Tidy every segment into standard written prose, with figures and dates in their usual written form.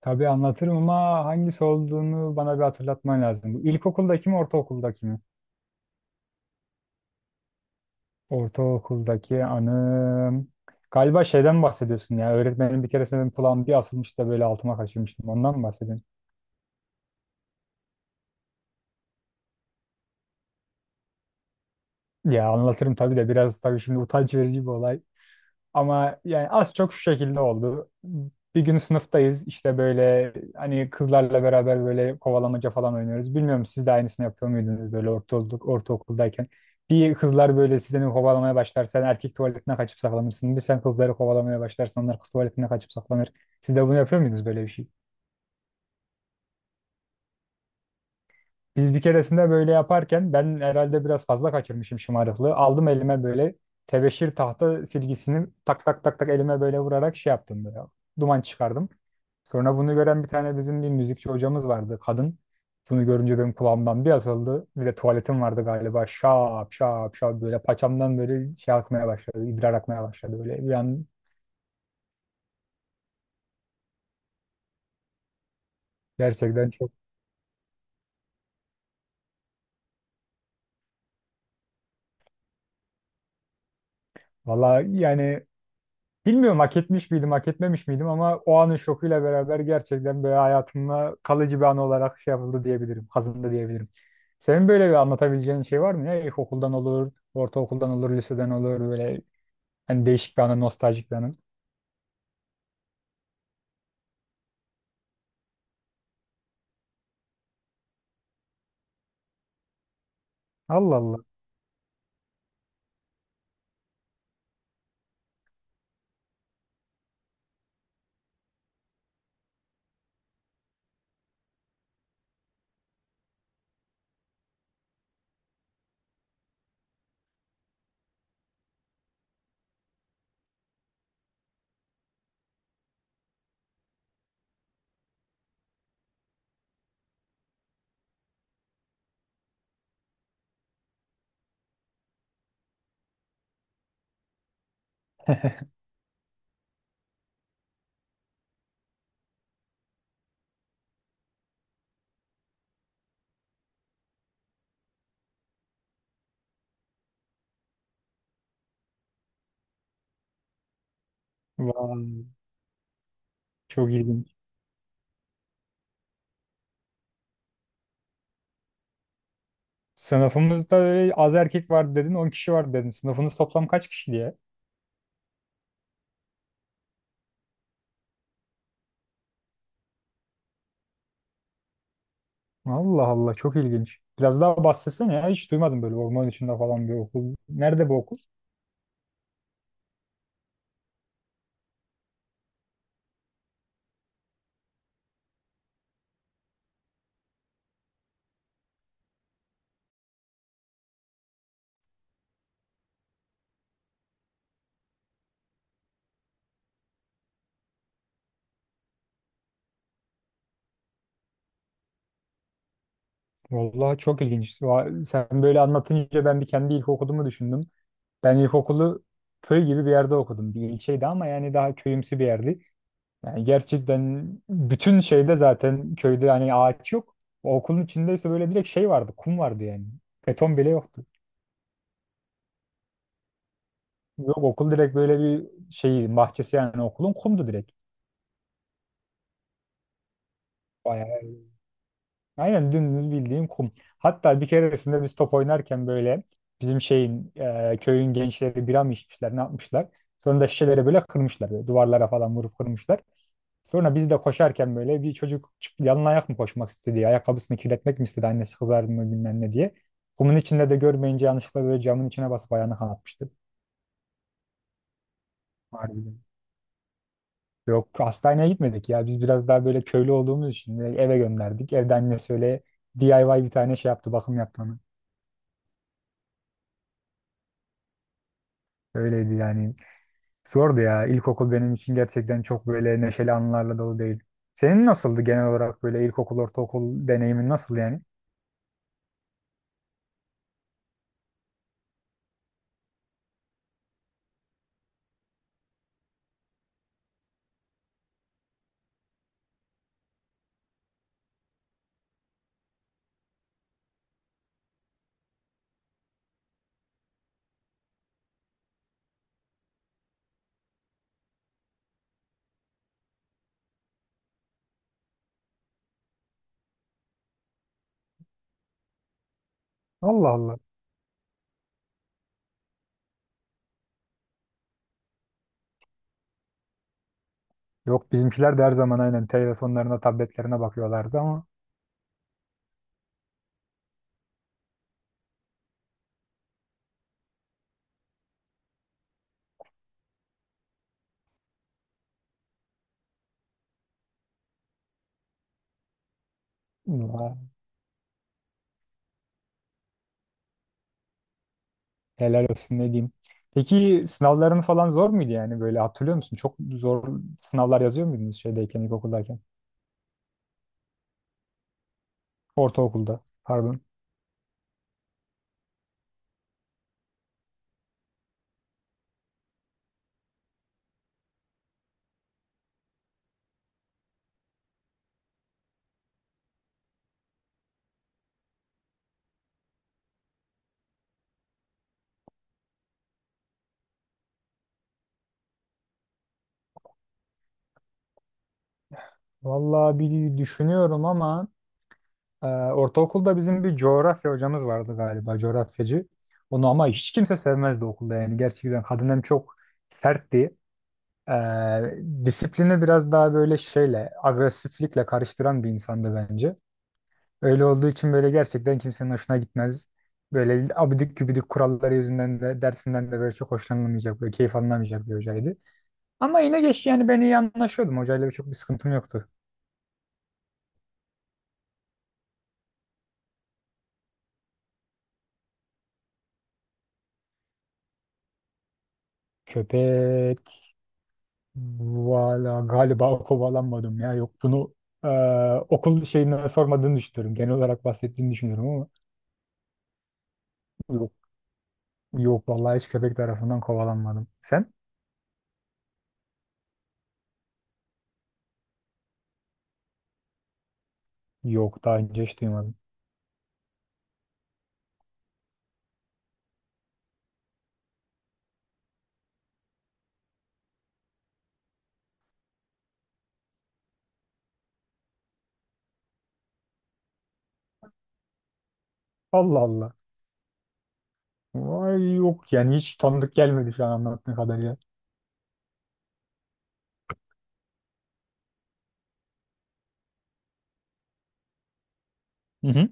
Tabii anlatırım ama hangisi olduğunu bana bir hatırlatman lazım. Bu İlkokuldaki mi, ortaokuldaki mi? Ortaokuldaki anım. Galiba şeyden bahsediyorsun ya. Öğretmenim bir keresinde benim kulağım bir asılmış da böyle altıma kaçırmıştım. Ondan mı bahsediyorsun? Ya anlatırım tabii de biraz tabii şimdi utanç verici bir olay. Ama yani az çok şu şekilde oldu. Bir gün sınıftayız işte böyle hani kızlarla beraber böyle kovalamaca falan oynuyoruz. Bilmiyorum siz de aynısını yapıyor muydunuz böyle ortaokulduk, ortaokuldayken. Bir kızlar böyle sizden kovalamaya başlar. Sen erkek tuvaletine kaçıp saklanırsın. Bir sen kızları kovalamaya başlarsın. Onlar kız tuvaletine kaçıp saklanır. Siz de bunu yapıyor muydunuz böyle bir şey? Biz bir keresinde böyle yaparken ben herhalde biraz fazla kaçırmışım şımarıklığı. Aldım elime böyle tebeşir tahta silgisini tak tak tak tak elime böyle vurarak şey yaptım böyle. Duman çıkardım. Sonra bunu gören bir tane bizim bir müzikçi hocamız vardı kadın. Bunu görünce benim kulağımdan bir asıldı. Bir de tuvaletim vardı galiba. Şap şap şap böyle paçamdan böyle şey akmaya başladı. İdrar akmaya başladı böyle. Bir an gerçekten çok. Valla yani bilmiyorum hak etmiş miydim, hak etmemiş miydim ama o anın şokuyla beraber gerçekten böyle hayatımda kalıcı bir an olarak şey yapıldı diyebilirim, kazındı diyebilirim. Senin böyle bir anlatabileceğin şey var mı ya? İlkokuldan olur, ortaokuldan olur, liseden olur böyle hani değişik bir anı, nostaljik bir anı. Allah Allah. Vay, çok ilginç. Sınıfımızda öyle az erkek vardı dedin, 10 kişi vardı dedin. Sınıfınız toplam kaç kişi diye? Allah Allah, çok ilginç. Biraz daha bahsetsene ya, hiç duymadım böyle orman içinde falan bir okul. Nerede bu okul? Vallahi çok ilginç. Sen böyle anlatınca ben bir kendi ilkokulumu düşündüm. Ben ilkokulu köy gibi bir yerde okudum. Bir ilçeydi ama yani daha köyümsü bir yerdi. Yani gerçekten bütün şeyde zaten köyde hani ağaç yok. O okulun içindeyse böyle direkt şey vardı, kum vardı yani. Beton bile yoktu. Yok, okul direkt böyle bir şey bahçesi, yani okulun kumdu direkt. Bayağı aynen dümdüz bildiğim kum. Hatta bir keresinde biz top oynarken böyle bizim şeyin köyün gençleri bira mı içmişler, ne yapmışlar. Sonra da şişeleri böyle kırmışlar. Böyle duvarlara falan vurup kırmışlar. Sonra biz de koşarken böyle bir çocuk yalın ayak mı koşmak istedi? Ayakkabısını kirletmek mi istedi? Annesi kızar mı bilmem ne diye. Kumun içinde de görmeyince yanlışlıkla böyle camın içine basıp ayağını kanatmıştı. Harbiden. Yok, hastaneye gitmedik ya. Biz biraz daha böyle köylü olduğumuz için de eve gönderdik. Evde annesi öyle DIY bir tane şey yaptı. Bakım yaptı ona. Öyleydi yani. Zordu ya. İlkokul benim için gerçekten çok böyle neşeli anılarla dolu değil. Senin nasıldı genel olarak böyle ilkokul, ortaokul deneyimin nasıl yani? Allah Allah. Yok, bizimkiler de her zaman aynen telefonlarına, tabletlerine bakıyorlardı ama ya, helal olsun ne diyeyim. Peki sınavların falan zor muydu yani böyle hatırlıyor musun? Çok zor sınavlar yazıyor muydunuz şeydeyken, ilkokuldayken? Ortaokulda, pardon. Vallahi bir düşünüyorum ama ortaokulda bizim bir coğrafya hocamız vardı galiba, coğrafyacı. Onu ama hiç kimse sevmezdi okulda yani. Gerçekten kadın hem çok sertti. Disiplini biraz daha böyle şeyle, agresiflikle karıştıran bir insandı bence. Öyle olduğu için böyle gerçekten kimsenin hoşuna gitmez. Böyle abidik gübidik kuralları yüzünden de dersinden de böyle çok hoşlanılmayacak, böyle keyif alınamayacak bir hocaydı. Ama yine geç yani ben iyi anlaşıyordum. Hocayla bir çok bir sıkıntım yoktu. Köpek. Valla galiba kovalanmadım ya. Yok, bunu e, okul şeyine sormadığını düşünüyorum. Genel olarak bahsettiğini düşünüyorum ama yok. Yok vallahi, hiç köpek tarafından kovalanmadım. Sen? Yok, daha önce hiç duymadım. Allah Allah. Vay, yok yani, hiç tanıdık gelmedi şu an anlattığın kadarıyla. Hı hı.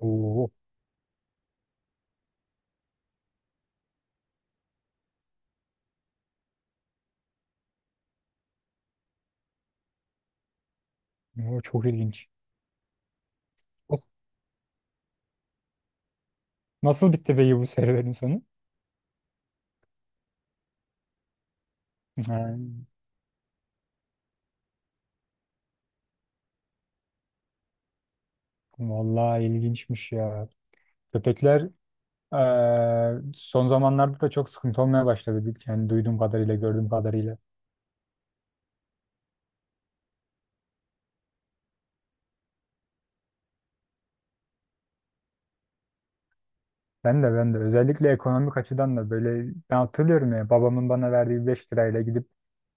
Oo, oo, çok ilginç. Of, nasıl bitti peki bu serüvenin sonu? Ha, vallahi ilginçmiş ya. Köpekler son zamanlarda da çok sıkıntı olmaya başladı. Yani duyduğum kadarıyla, gördüğüm kadarıyla. Ben de özellikle ekonomik açıdan da böyle ben hatırlıyorum ya, babamın bana verdiği 5 lirayla gidip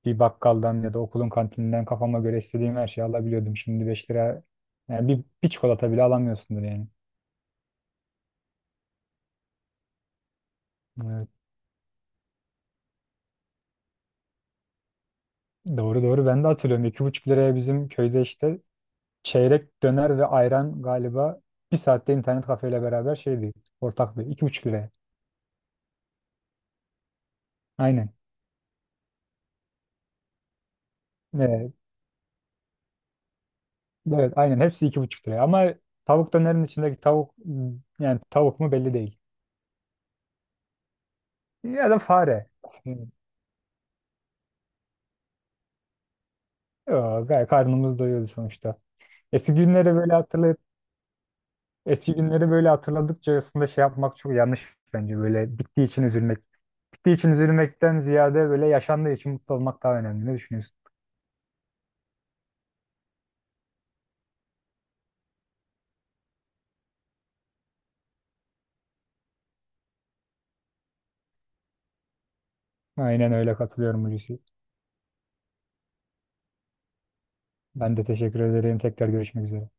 bir bakkaldan ya da okulun kantininden kafama göre istediğim her şeyi alabiliyordum. Şimdi 5 lira, yani bir çikolata bile alamıyorsundur yani. Evet, doğru doğru, ben de hatırlıyorum. İki buçuk liraya bizim köyde işte çeyrek döner ve ayran galiba, bir saatte internet kafeyle beraber şeydi, ortaktı. İki buçuk liraya. Aynen. Evet. Evet, aynen hepsi iki buçuk liraya ama tavuk dönerin içindeki tavuk, yani tavuk mu belli değil. Ya da fare. Yani, yo, gayet karnımız doyuyordu sonuçta. Eski günleri böyle hatırlayıp eski günleri böyle hatırladıkça aslında şey yapmak çok yanlış bence, böyle bittiği için üzülmek. Bittiği için üzülmekten ziyade böyle yaşandığı için mutlu olmak daha önemli. Ne düşünüyorsun? Aynen öyle, katılıyorum Hulusi. Ben de teşekkür ederim. Tekrar görüşmek üzere.